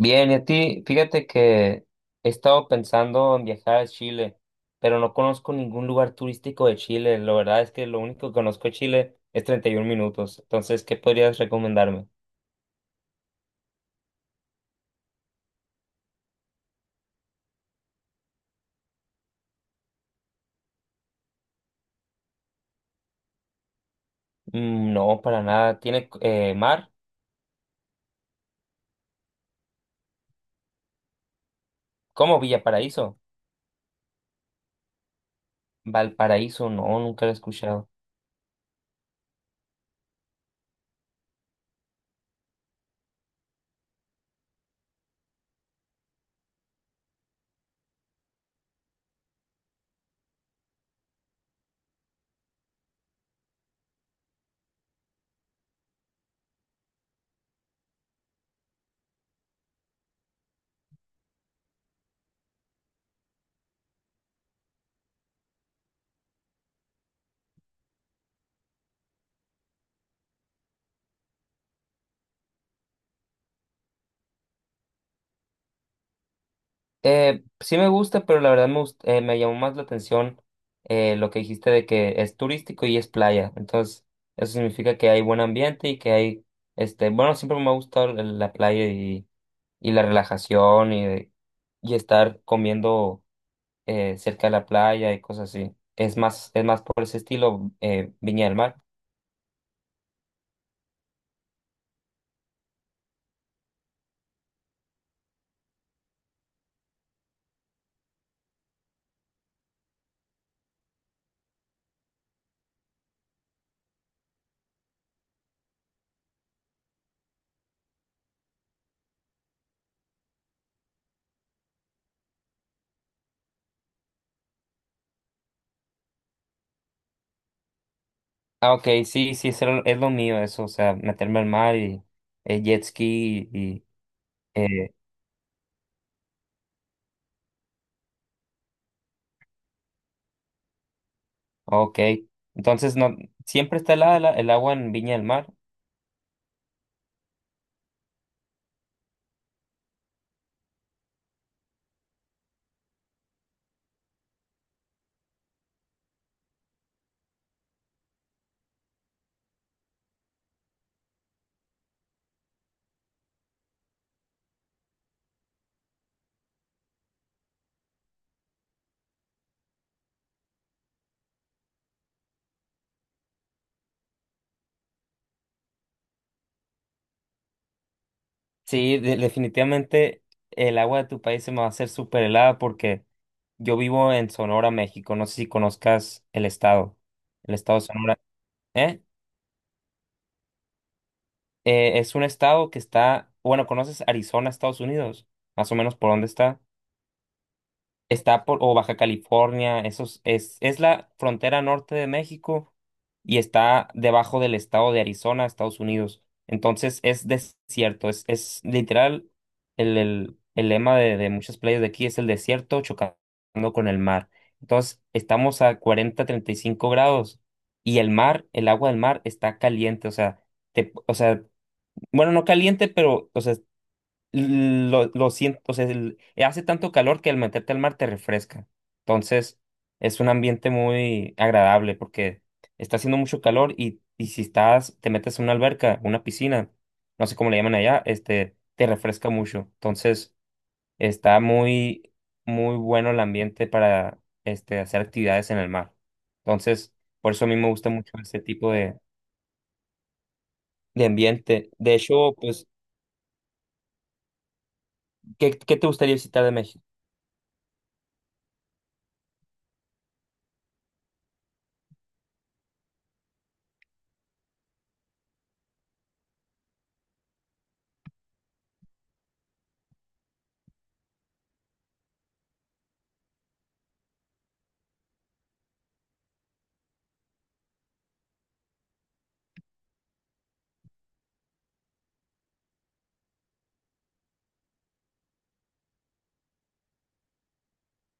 Bien, y a ti, fíjate que he estado pensando en viajar a Chile, pero no conozco ningún lugar turístico de Chile. La verdad es que lo único que conozco de Chile es 31 minutos. Entonces, ¿qué podrías recomendarme? Mm, no, para nada. ¿Tiene mar? ¿Cómo Villa Paraíso? Valparaíso, no, nunca lo he escuchado. Sí me gusta, pero la verdad me llamó más la atención lo que dijiste de que es turístico y es playa. Entonces, eso significa que hay buen ambiente y que hay, este, bueno, siempre me ha gustado la playa y la relajación y estar comiendo cerca de la playa y cosas así. Es más por ese estilo, Viña del Mar. Ah, ok, sí, sí, es lo mío eso, o sea, meterme al mar y jet ski y... Ok, entonces no, siempre está helada el agua en Viña del Mar. Sí, definitivamente el agua de tu país se me va a hacer súper helada porque yo vivo en Sonora, México. No sé si conozcas el estado de Sonora. ¿Eh? Es un estado que está, bueno, ¿conoces Arizona, Estados Unidos? Más o menos por dónde está. Está por, o Baja California, esos, es la frontera norte de México y está debajo del estado de Arizona, Estados Unidos. Entonces es desierto, es literal el lema de muchas playas de aquí es el desierto chocando con el mar. Entonces estamos a cuarenta treinta y cinco grados y el mar, el agua del mar está caliente, o sea, te, o sea, bueno, no caliente, pero o sea, lo siento, o sea, hace tanto calor que al meterte al mar te refresca. Entonces, es un ambiente muy agradable porque está haciendo mucho calor y si estás, te metes a una alberca, una piscina, no sé cómo le llaman allá, este, te refresca mucho. Entonces, está muy, muy bueno el ambiente para, este, hacer actividades en el mar. Entonces, por eso a mí me gusta mucho ese tipo de ambiente. De hecho, pues, qué te gustaría visitar de México?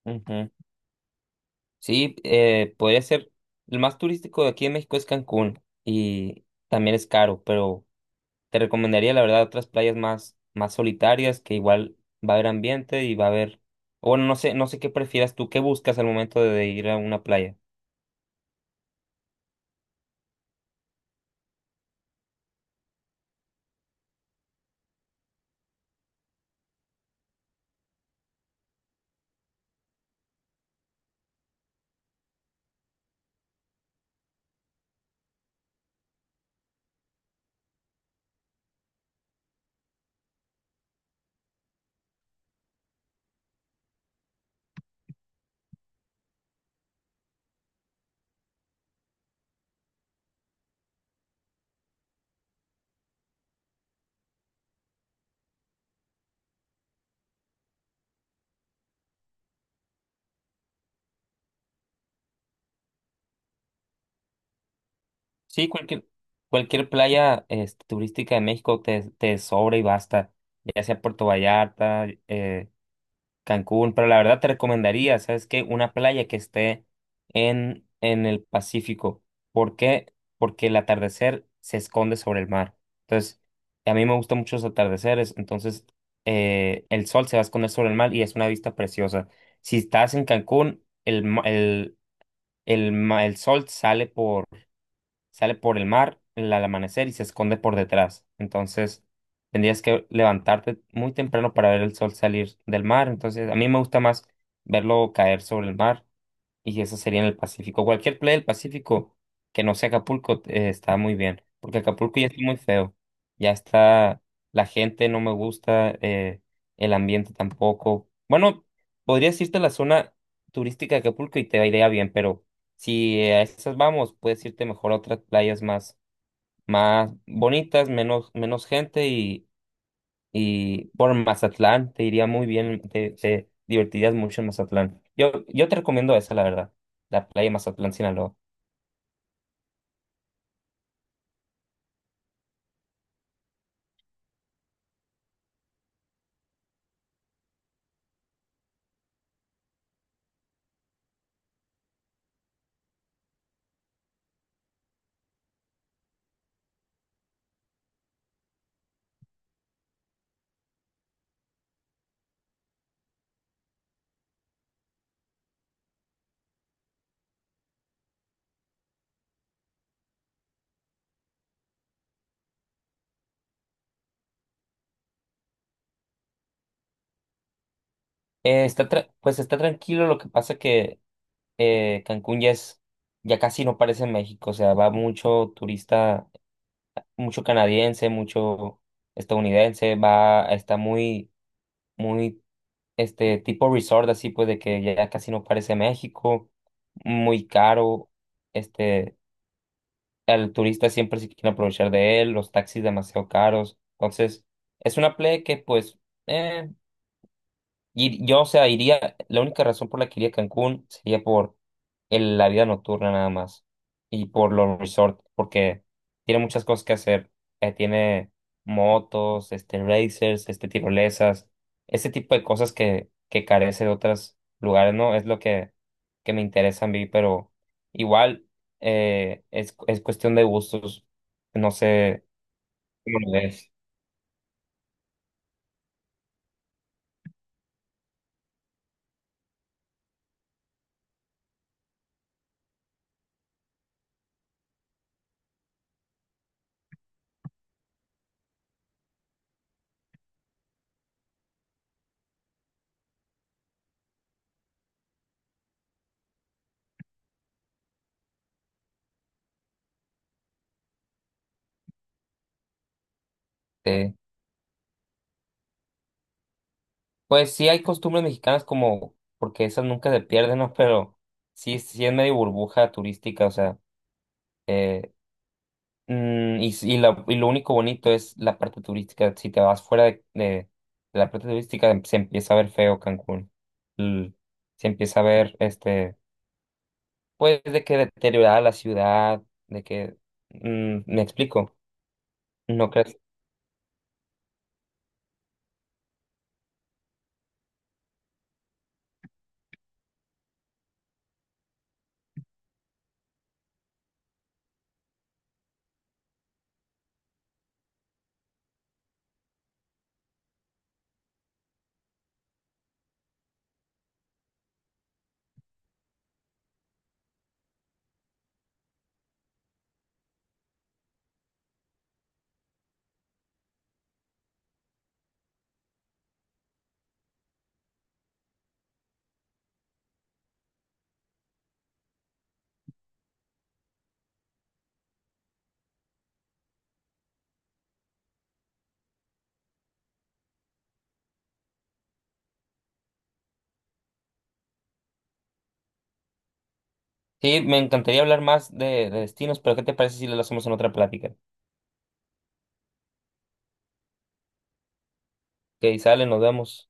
Ujú. Sí, podría ser. El más turístico de aquí en México es Cancún y también es caro, pero te recomendaría la verdad otras playas más, más solitarias que igual va a haber ambiente y va a haber... O bueno, no sé, no sé qué prefieras tú, qué buscas al momento de ir a una playa. Sí, cualquier, cualquier playa, este, turística de México te sobra y basta, ya sea Puerto Vallarta, Cancún, pero la verdad te recomendaría, ¿sabes qué? Una playa que esté en el Pacífico. ¿Por qué? Porque el atardecer se esconde sobre el mar. Entonces, a mí me gustan mucho los atardeceres, entonces el sol se va a esconder sobre el mar y es una vista preciosa. Si estás en Cancún, el sol sale por el mar al amanecer y se esconde por detrás. Entonces, tendrías que levantarte muy temprano para ver el sol salir del mar. Entonces, a mí me gusta más verlo caer sobre el mar. Y eso sería en el Pacífico. Cualquier playa del Pacífico que no sea Acapulco, está muy bien, porque Acapulco ya está muy feo. Ya está, la gente no me gusta, el ambiente tampoco. Bueno, podrías irte a la zona turística de Acapulco y te iría bien, pero si a esas vamos, puedes irte mejor a otras playas más, más bonitas, menos, menos gente y por Mazatlán, te iría muy bien, te divertirías mucho en Mazatlán. Yo te recomiendo esa, la verdad, la playa de Mazatlán, Sinaloa. Está pues está tranquilo, lo que pasa que Cancún ya es, ya casi no parece México, o sea, va mucho turista, mucho canadiense, mucho estadounidense, va, está muy, muy, este tipo resort así, pues de que ya casi no parece México, muy caro, este, al turista siempre se quieren aprovechar de él, los taxis demasiado caros. Entonces, es una play que pues eh, y yo, o sea, iría, la única razón por la que iría a Cancún sería por la vida nocturna nada más y por los resorts, porque tiene muchas cosas que hacer. Tiene motos, este, racers, este, tirolesas, ese tipo de cosas que carece de otros lugares, ¿no? Es lo que me interesa a mí, pero igual es cuestión de gustos. No sé cómo lo ves. Pues sí hay costumbres mexicanas como, porque esas nunca se pierden, ¿no? Pero sí, sí es medio burbuja turística, o sea, eh, y, y, y lo único bonito es la parte turística. Si te vas fuera de la parte turística, se empieza a ver feo Cancún. L- se empieza a ver, este, pues de que deteriorada la ciudad, de que, mm, me explico, ¿no crees? Sí, me encantaría hablar más de destinos, pero ¿qué te parece si lo hacemos en otra plática? Que sale, nos vemos.